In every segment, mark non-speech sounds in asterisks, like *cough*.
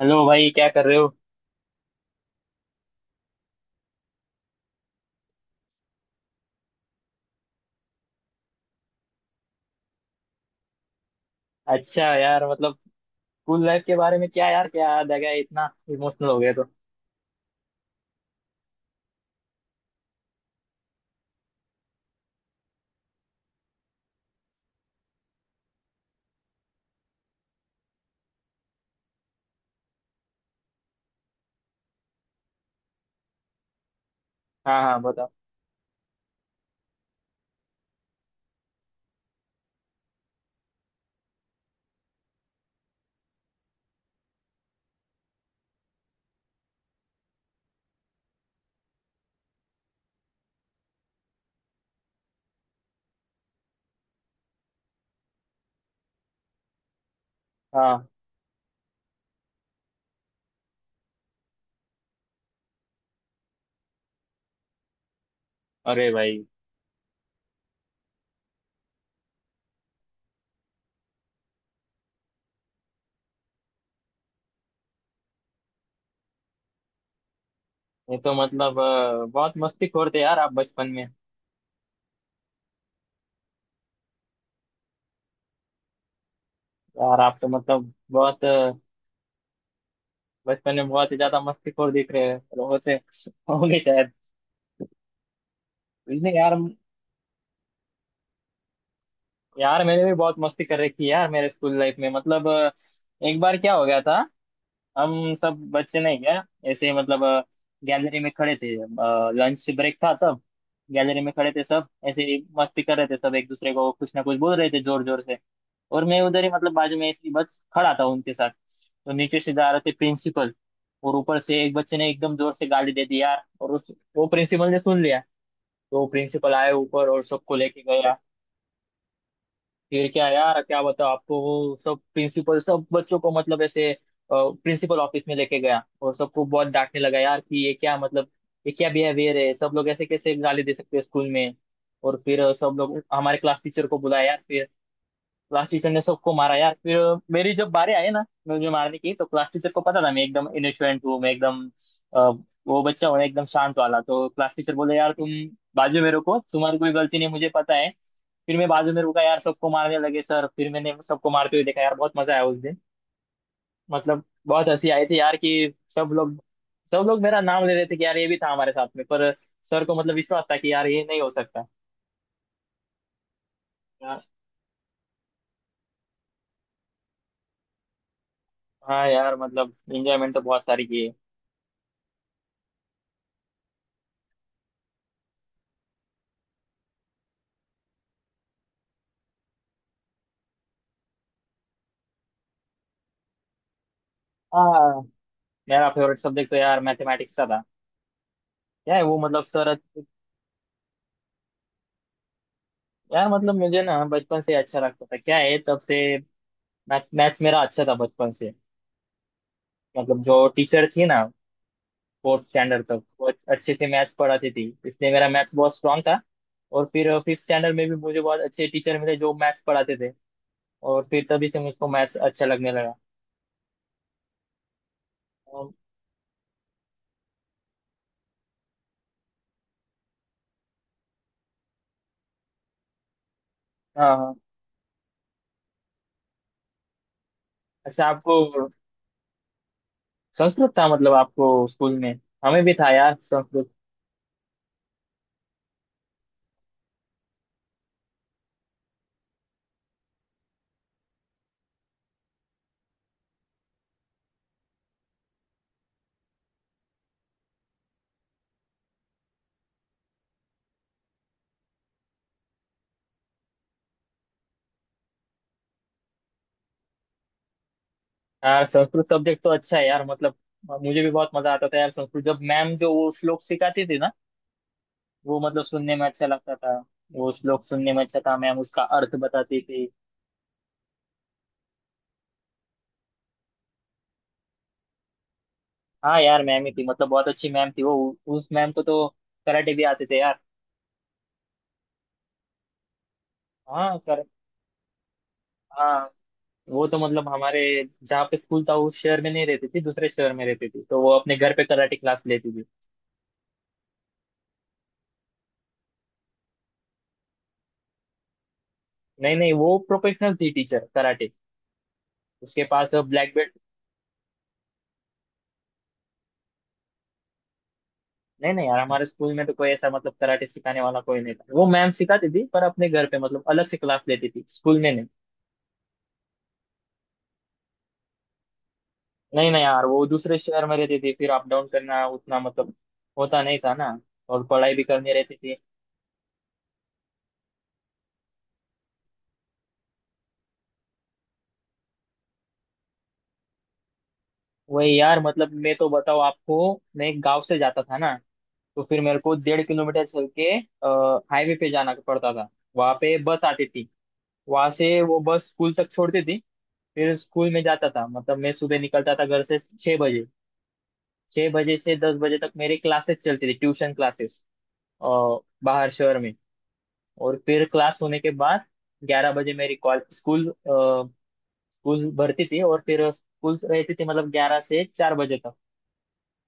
Hello भाई, क्या कर रहे हो? अच्छा यार, मतलब स्कूल लाइफ के बारे में क्या यार, क्या याद आ गया, इतना इमोशनल हो गया तो? हाँ हाँ, बताओ। हाँ। अरे भाई, ये तो मतलब बहुत मस्तीखोर थे यार आप बचपन में। यार आप तो मतलब बहुत बचपन में बहुत ही ज्यादा मस्तीखोर दिख रहे हो, होते *laughs* होंगे शायद। नहीं यार। यार मैंने भी बहुत मस्ती कर रखी है यार, मेरे स्कूल लाइफ में मतलब एक बार क्या हो गया था। हम सब बच्चे नहीं क्या, ऐसे ही मतलब गैलरी में खड़े थे, लंच ब्रेक था तब। गैलरी में खड़े थे सब, ऐसे ही मस्ती कर रहे थे, सब एक दूसरे को कुछ ना कुछ बोल रहे थे जोर जोर से। और मैं उधर ही मतलब बाजू में इसकी बस खड़ा था उनके साथ, तो नीचे से जा रहे थे प्रिंसिपल। और ऊपर से एक बच्चे ने एकदम जोर से गाली दे दी यार, और उस वो प्रिंसिपल ने सुन लिया। तो प्रिंसिपल आए ऊपर और सबको लेके गया। फिर क्या यार, क्या बताओ आपको, वो सब प्रिंसिपल सब बच्चों को मतलब ऐसे प्रिंसिपल ऑफिस में लेके गया और सबको बहुत डांटने लगा यार कि ये क्या मतलब, ये क्या बिहेवियर है, सब लोग ऐसे कैसे गाली दे सकते हैं स्कूल में। और फिर सब लोग हमारे क्लास टीचर को बुलाया यार फिर। क्लास टीचर ने सबको मारा यार फिर। मेरी जब बारी आई ना मुझे मारने की, तो क्लास टीचर को पता था मैं एकदम इनोसेंट हूँ, मैं एकदम अ, वो बच्चा हूँ एकदम शांत वाला। तो क्लास टीचर बोले यार, तुम बाजू में रुको, तुम्हारी कोई गलती नहीं, मुझे पता है। फिर मैं बाजू में रुका यार, सबको मारने लगे सर, फिर मैंने सबको मारते हुए देखा यार, बहुत मजा आया उस दिन। मतलब बहुत हंसी आई थी यार कि सब लोग, सब लोग मेरा नाम ले रहे थे कि यार ये भी था हमारे साथ में, पर सर को मतलब विश्वास था कि यार ये नहीं हो सकता। यार हाँ यार, मतलब एंजॉयमेंट तो बहुत सारी की है। हाँ, मेरा फेवरेट सब्जेक्ट तो यार मैथमेटिक्स का था। क्या है वो, मतलब सर, यार मतलब मुझे ना बचपन से अच्छा लगता था, क्या है, तब से मैथ्स मेरा अच्छा था बचपन से। मतलब जो टीचर थी ना, फोर्थ स्टैंडर्ड तक वो अच्छे से मैथ्स पढ़ाती थी, इसलिए मेरा मैथ्स बहुत स्ट्रांग था। और फिर फिफ्थ स्टैंडर्ड में भी मुझे बहुत अच्छे टीचर मिले जो मैथ्स पढ़ाते थे, और फिर तभी से मुझको मैथ्स अच्छा लगने लगा। और- हाँ हाँ। अच्छा, आपको संस्कृत था मतलब आपको स्कूल में? हमें भी था यार संस्कृत। यार संस्कृत सब्जेक्ट तो अच्छा है यार, मतलब मुझे भी बहुत मजा आता था यार संस्कृत, जब मैम जो वो श्लोक सिखाती थी ना, वो मतलब सुनने में अच्छा लगता था। वो श्लोक सुनने में अच्छा था, मैम उसका अर्थ बताती थी। हाँ यार, मैम ही थी, मतलब बहुत अच्छी मैम थी वो। उस मैम को तो कराटे भी आते थे यार। हाँ कर हाँ, वो तो मतलब हमारे, जहाँ पे स्कूल था उस शहर में नहीं रहती थी, दूसरे शहर में रहती थी, तो वो अपने घर पे कराटे क्लास लेती थी। नहीं नहीं, वो प्रोफेशनल थी टीचर कराटे, उसके पास ब्लैक। नहीं नहीं यार, हमारे स्कूल में तो कोई ऐसा मतलब कराटे सिखाने वाला कोई नहीं था, वो मैम सिखाती थी पर अपने घर पे मतलब अलग से क्लास लेती थी, स्कूल में नहीं। नहीं नहीं यार, वो दूसरे शहर में रहती थी, फिर अप डाउन करना उतना मतलब होता नहीं था ना, और पढ़ाई भी करनी रहती थी। वही यार, मतलब मैं तो बताऊँ आपको, मैं एक गाँव से जाता था ना, तो फिर मेरे को 1.5 किलोमीटर चल के हाईवे पे जाना पड़ता था। वहां पे बस आती थी, वहां से वो बस स्कूल तक छोड़ती थी। फिर स्कूल में जाता था, मतलब मैं सुबह निकलता था घर से 6 बजे। 6 बजे से 10 बजे तक मेरी क्लासेस चलती थी, ट्यूशन क्लासेस, और बाहर शहर में। और फिर क्लास होने के बाद 11 बजे मेरी स्कूल भरती थी, और फिर स्कूल रहती थी मतलब 11 से 4 बजे तक।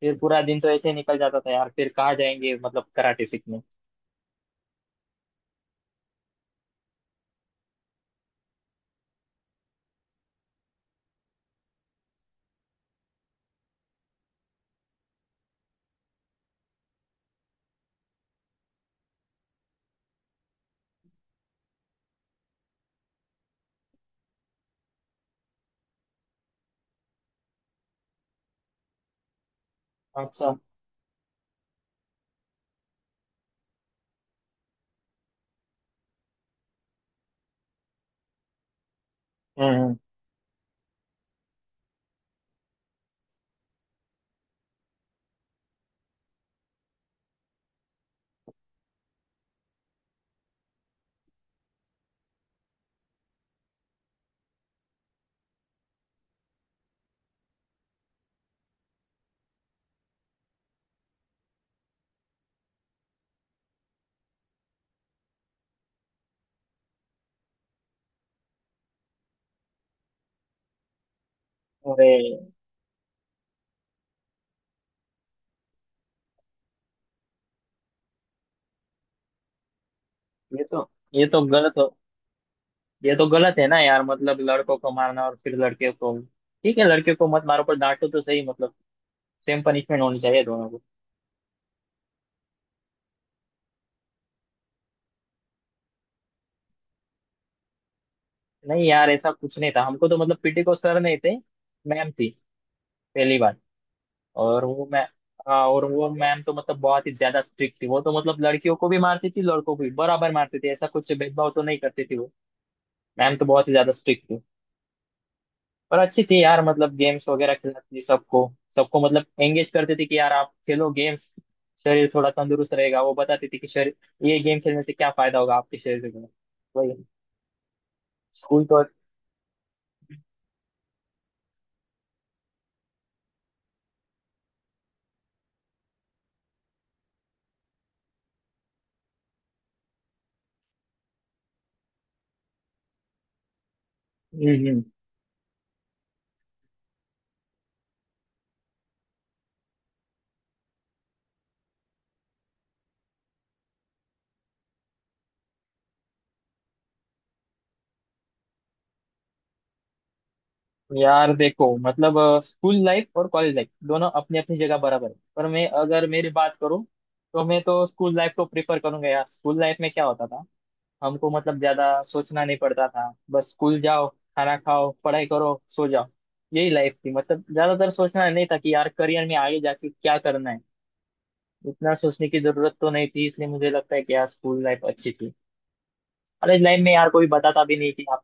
फिर पूरा दिन तो ऐसे ही निकल जाता था यार, फिर कहाँ जाएंगे मतलब कराटे सीखने। अच्छा। हम्म। अरे, ये तो ये तो गलत हो ये तो गलत है ना यार, मतलब लड़कों को मारना और फिर लड़कियों को। ठीक है, लड़कियों को मत मारो पर डांटो तो सही, मतलब सेम पनिशमेंट होनी चाहिए दोनों को। नहीं यार, ऐसा कुछ नहीं था, हमको तो मतलब पीटी को सर नहीं थे, मैम थी। पहली बार। और वो मैं हाँ, और वो मैम तो मतलब बहुत ही ज्यादा स्ट्रिक्ट थी, वो तो मतलब लड़कियों को भी मारती थी लड़कों को भी बराबर मारती थी, ऐसा कुछ भेदभाव तो नहीं करती थी वो। मैम तो बहुत ही ज्यादा स्ट्रिक्ट थी, पर अच्छी थी यार, मतलब गेम्स वगैरह खिलाती थी सबको, सबको मतलब एंगेज करती थी कि यार आप खेलो गेम्स, शरीर थोड़ा तंदुरुस्त रहेगा, वो बताती थी कि शरीर, ये गेम खेलने से क्या फायदा होगा आपके शरीर को। वही, स्कूल तो। हम्म हम्म। यार देखो मतलब, स्कूल लाइफ और कॉलेज लाइफ दोनों अपनी अपनी जगह बराबर है, पर मैं अगर मेरी बात करूँ तो मैं तो स्कूल लाइफ को प्रेफर करूंगा। यार स्कूल लाइफ में क्या होता था, हमको मतलब ज्यादा सोचना नहीं पड़ता था, बस स्कूल जाओ, खाना खाओ, पढ़ाई करो, सो जाओ, यही लाइफ थी। मतलब ज्यादातर सोचना नहीं था कि यार करियर में आगे जाके क्या करना है, इतना सोचने की जरूरत तो नहीं थी, इसलिए मुझे लगता है कि यार स्कूल लाइफ अच्छी थी। कॉलेज लाइफ में यार कोई बताता भी नहीं कि आप,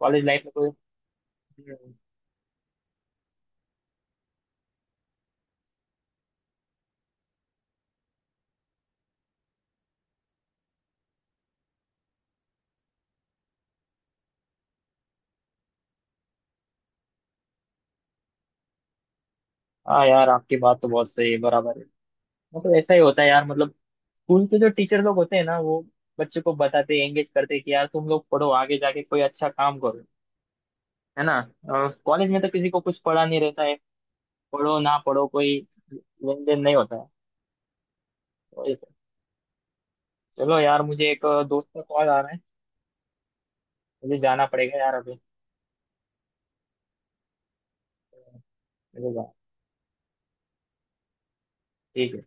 कॉलेज लाइफ में कोई, हाँ यार आपकी बात तो बहुत सही है, बराबर है, मतलब ऐसा ही होता है यार, मतलब स्कूल के जो टीचर लोग होते हैं ना, वो बच्चे को बताते, एंगेज करते हैं कि यार तुम लोग पढ़ो, आगे जाके कोई अच्छा काम करो, है ना। कॉलेज में तो किसी को कुछ पढ़ा नहीं रहता है, पढ़ो ना पढ़ो कोई लेन देन नहीं होता है, वही। तो, चलो यार, मुझे एक दोस्त का कॉल आ रहा है, मुझे जाना पड़ेगा यार अभी। मुझे जाना- ठीक है।